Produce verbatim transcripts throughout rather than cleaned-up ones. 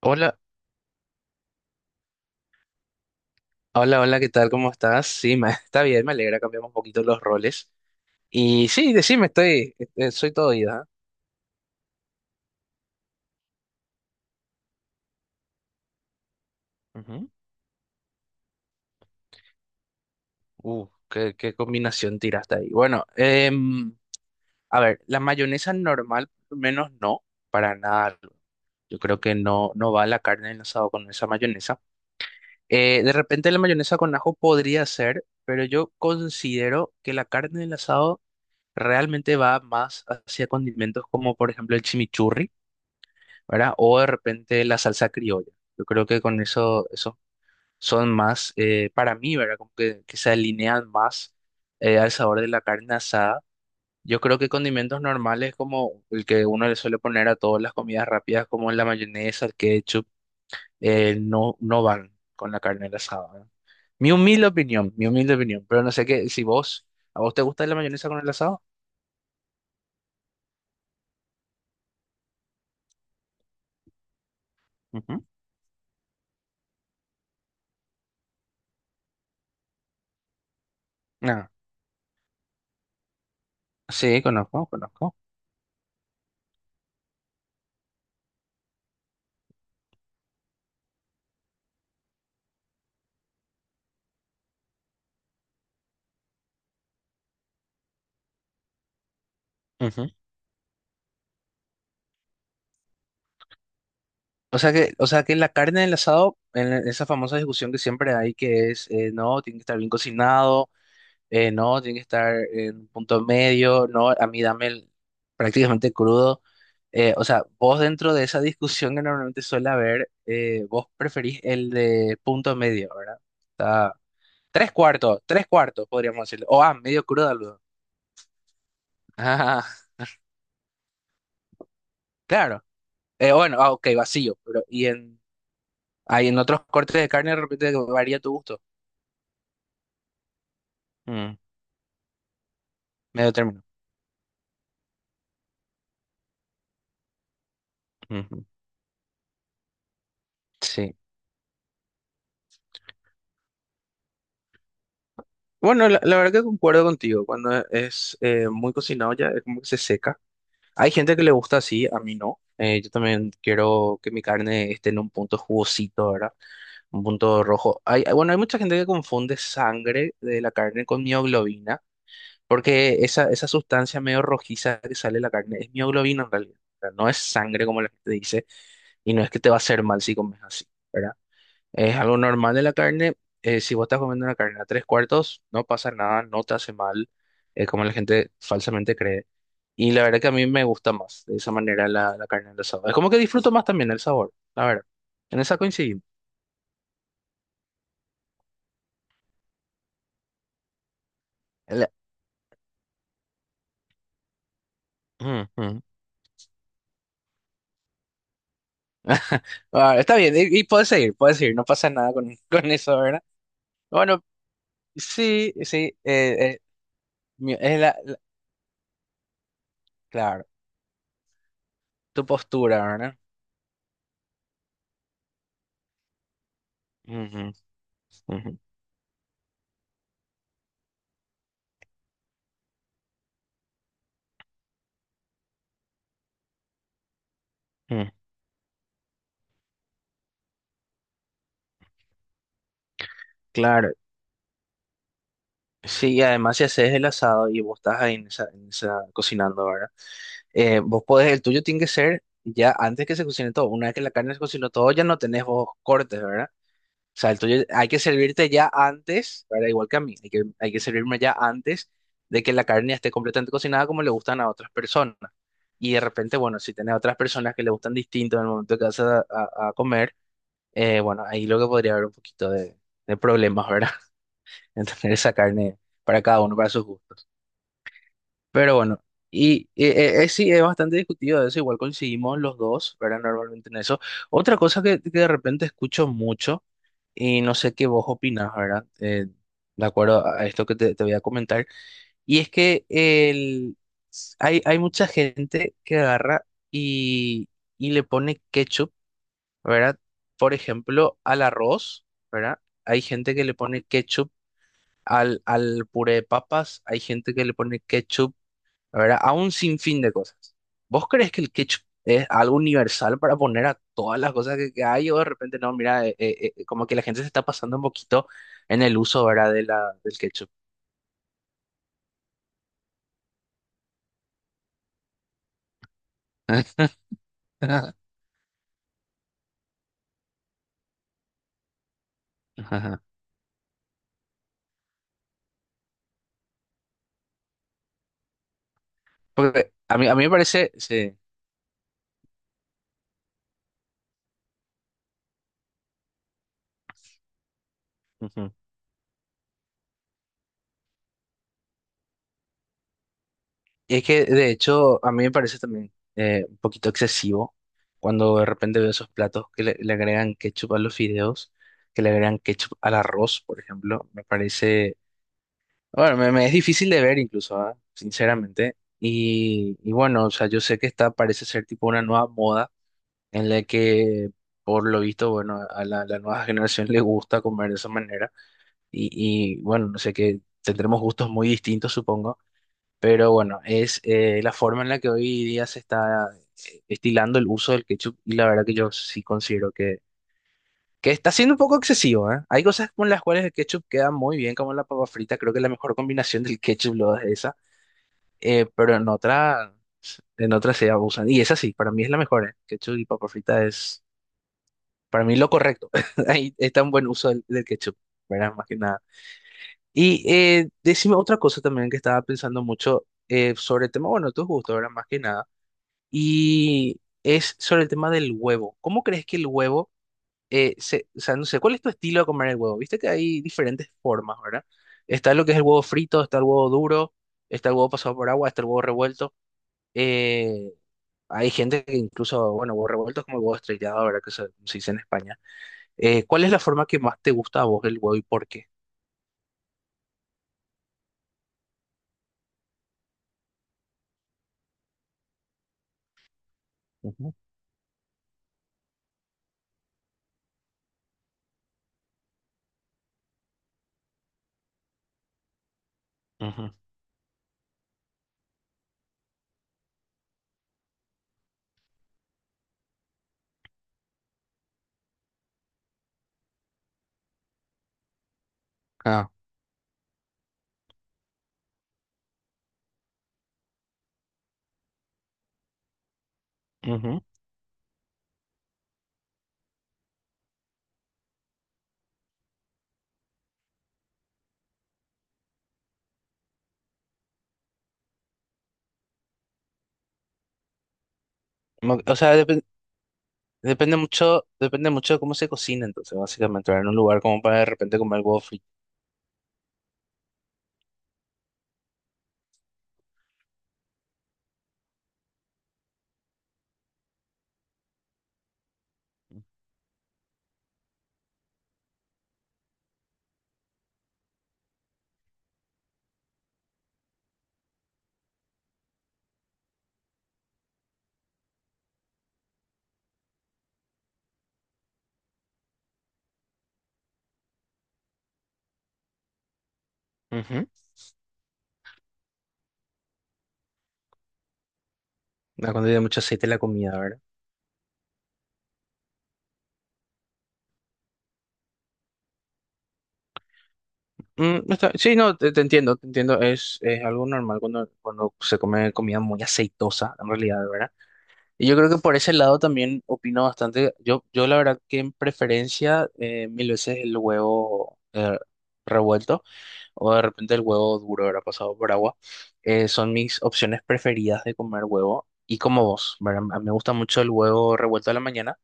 Hola, hola, hola, ¿qué tal? ¿Cómo estás? Sí, me- está bien, me alegra, cambiamos un poquito los roles. Y sí, decime, estoy, eh, soy todo oído. Ujú. Uh, qué, qué combinación tiraste ahí. Bueno, em, a ver, la mayonesa normal, por lo menos no, para nada. Yo creo que no, no va la carne del asado con esa mayonesa. Eh, de repente la mayonesa con ajo podría ser, pero yo considero que la carne del asado realmente va más hacia condimentos como por ejemplo el chimichurri, ¿verdad? O de repente la salsa criolla. Yo creo que con eso, eso son más, eh, para mí, ¿verdad? Como que, que se alinean más eh, al sabor de la carne asada. Yo creo que condimentos normales como el que uno le suele poner a todas las comidas rápidas, como la mayonesa, el ketchup, eh, no, no van con la carne asada, ¿verdad? Mi humilde opinión, mi humilde opinión, pero no sé qué, si vos, ¿a vos te gusta la mayonesa con el asado? Ujú. Ah, sí, conozco, conozco. O sea que, o sea que la carne del asado, en la- esa famosa discusión que siempre hay, que es, eh, no, tiene que estar bien cocinado, eh, no, tiene que estar en un punto medio, no, a mí dame el- prácticamente crudo. Eh, o sea, vos dentro de esa discusión que normalmente suele haber, eh, vos preferís el de punto medio, ¿verdad? Está, tres cuartos, tres cuartos, podríamos decirlo. O, ah, medio crudo, aludo. Ah, claro. Eh, bueno, ah, ok, vacío, pero, y en, hay en otros cortes de carne de repente varía tu gusto. Mm. Medio término. Ujú. Sí. Bueno, la, la verdad que concuerdo contigo. Cuando es eh, muy cocinado ya es como que se seca. Hay gente que le gusta así, a mí no. Eh, yo también quiero que mi carne esté en un punto jugosito, ¿verdad? Un punto rojo. Hay, bueno, hay mucha gente que confunde sangre de la carne con mioglobina, porque esa, esa sustancia medio rojiza que sale de la carne es mioglobina en realidad. O sea, no es sangre como la gente dice, y no es que te va a hacer mal si comes así, ¿verdad? Es algo normal de la carne. Eh, si vos estás comiendo una carne a tres cuartos, no pasa nada, no te hace mal, eh, como la gente falsamente cree. Y la verdad que a mí me gusta más de esa manera la, la carne del asado. Es como que disfruto más también el sabor, la verdad. En esa coincidimos. La- Mm, mm. Ah, está bien, y, y puedes seguir, puedes seguir, no pasa nada con, con eso, ¿verdad? Bueno, sí, sí, eh, eh, mi- es la, la- claro, tu postura, ¿verdad? Ujú, ujú, mm. Claro. Sí, y además si haces el asado y vos estás ahí en esa, en esa- cocinando, ¿verdad? Eh, vos podés, el tuyo tiene que ser ya antes que se cocine todo. Una vez que la carne se cocinó todo, ya no tenés vos cortes, ¿verdad? O sea, el tuyo hay que servirte ya antes, ¿verdad? Igual que a mí, hay que, hay que servirme ya antes de que la carne ya esté completamente cocinada como le gustan a otras personas. Y de repente, bueno, si tenés otras personas que le gustan distinto en el momento que vas a, a- a comer, eh, bueno, ahí lo que podría haber un poquito de, de problemas, ¿verdad? En tener esa carne para cada uno, para sus gustos. Pero bueno, y eh, eh, eh, sí, es bastante discutido eso, igual coincidimos los dos, ¿verdad? Normalmente en eso. Otra cosa que, que de repente escucho mucho, y no sé qué vos opinás, ¿verdad? Eh, de acuerdo a a esto que te, te voy a comentar, y es que el, hay, hay mucha gente que agarra y, y le pone ketchup, ¿verdad? Por ejemplo, al arroz, ¿verdad? Hay gente que le pone ketchup al, al puré de papas, hay gente que le pone ketchup, ¿verdad? A un sinfín de cosas. ¿Vos crees que el ketchup es algo universal para poner a todas las cosas que, que hay? O de repente, no, mira, eh, eh, eh, eh, como que la gente se está pasando un poquito en el uso, ¿verdad? De la, del ketchup. Ajá. Porque a mí, a mí me parece, sí. Ujú. Y es que, de hecho, a mí me parece también eh, un poquito excesivo cuando de repente veo esos platos que le, le agregan ketchup a los fideos, que le agregan ketchup al arroz, por ejemplo. Me parece. Bueno, me, me es difícil de ver incluso, ah, sinceramente. Y, y bueno, o sea, yo sé que está, parece ser tipo una nueva moda en la que, por lo visto, bueno, a la, la nueva generación le gusta comer de esa manera. Y, y, bueno, no sé, que tendremos gustos muy distintos, supongo. Pero bueno, es eh, la forma en la que hoy día se está eh, estilando el uso del ketchup, y la verdad que yo sí considero que, que está siendo un poco excesivo, ¿eh? Hay cosas con las cuales el ketchup queda muy bien, como la papa frita. Creo que la mejor combinación del ketchup lo es esa, eh, pero en otra, en otra se abusan. Y esa sí, para mí es la mejor, ¿eh? Ketchup y papa frita es, para mí, lo correcto. Ahí está un buen uso del, del ketchup, ¿verdad? Más que nada. Y eh, decime otra cosa también que estaba pensando mucho eh, sobre el tema, bueno, tus gustos, ¿verdad? Más que nada. Y es sobre el tema del huevo. ¿Cómo crees que el huevo, eh, se, o sea, no sé, ¿cuál es tu estilo de comer el huevo? Viste que hay diferentes formas, ¿verdad? Está lo que es el huevo frito, está el huevo duro, está el huevo pasado por agua, está el huevo revuelto. eh, Hay gente que incluso, bueno, huevos revueltos como el huevo estrellado, verdad que se, se dice en España. Eh, ¿cuál es la forma que más te gusta a vos del huevo y por qué? Ujú. Ujú. Ah, ujú. mo- o sea, depen- Depende mucho, depende mucho de cómo se cocina, entonces, básicamente, ¿verdad? En un lugar como para de repente comer huevo frito. Ujú. Ah, cuando tiene mucho aceite la comida, ¿verdad? Mm, está- sí, no, te, te entiendo, te entiendo. Es, es algo normal cuando, cuando se come comida muy aceitosa, en realidad, ¿verdad? Y yo creo que por ese lado también opino bastante. Yo, yo la verdad que en preferencia eh, mil veces el huevo eh, revuelto o de repente el huevo duro, ahora pasado por agua, eh, son mis opciones preferidas de comer huevo. Y como vos, ¿verdad? A mí me gusta mucho el huevo revuelto a la mañana.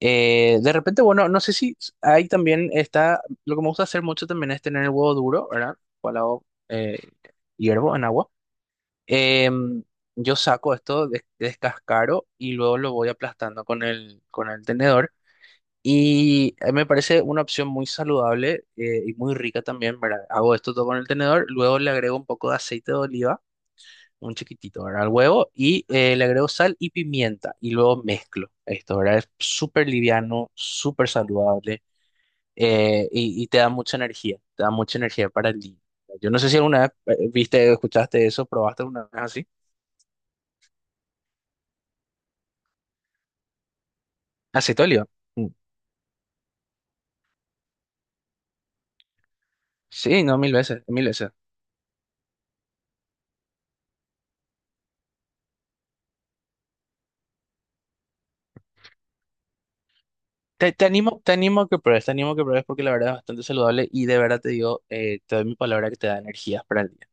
Eh, de repente, bueno, no sé si hay también está, lo que me gusta hacer mucho también es tener el huevo duro, ¿verdad? Cual hago, eh, hiervo en agua. Em, yo saco esto de, descascaro y luego lo voy aplastando con el, con el tenedor. Y eh, me parece una opción muy saludable eh, y muy rica también, ¿verdad? Hago esto todo con el tenedor, luego le agrego un poco de aceite de oliva, un chiquitito, ¿verdad? Al huevo y eh, le agrego sal y pimienta y luego mezclo esto, ¿verdad? Es súper liviano, súper saludable, eh, y, y te da mucha energía, te da mucha energía para el día. Yo no sé si alguna vez eh, viste, escuchaste eso, probaste una vez así. Acetolio. Mm. Sí, no, mil veces, mil veces. Te, te animo, te animo a que pruebes, te animo a que pruebes porque la verdad es bastante saludable y de verdad te digo, eh, te doy mi palabra que te da energías para el día.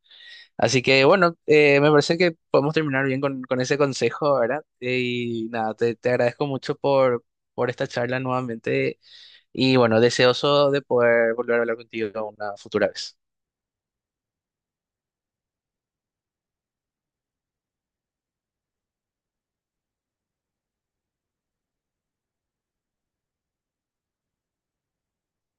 Así que bueno, eh, me parece que podemos terminar bien con, con ese consejo, ¿verdad? Eh, Y nada, te, te agradezco mucho por, por esta charla nuevamente y bueno, deseoso de poder volver a hablar contigo una futura vez.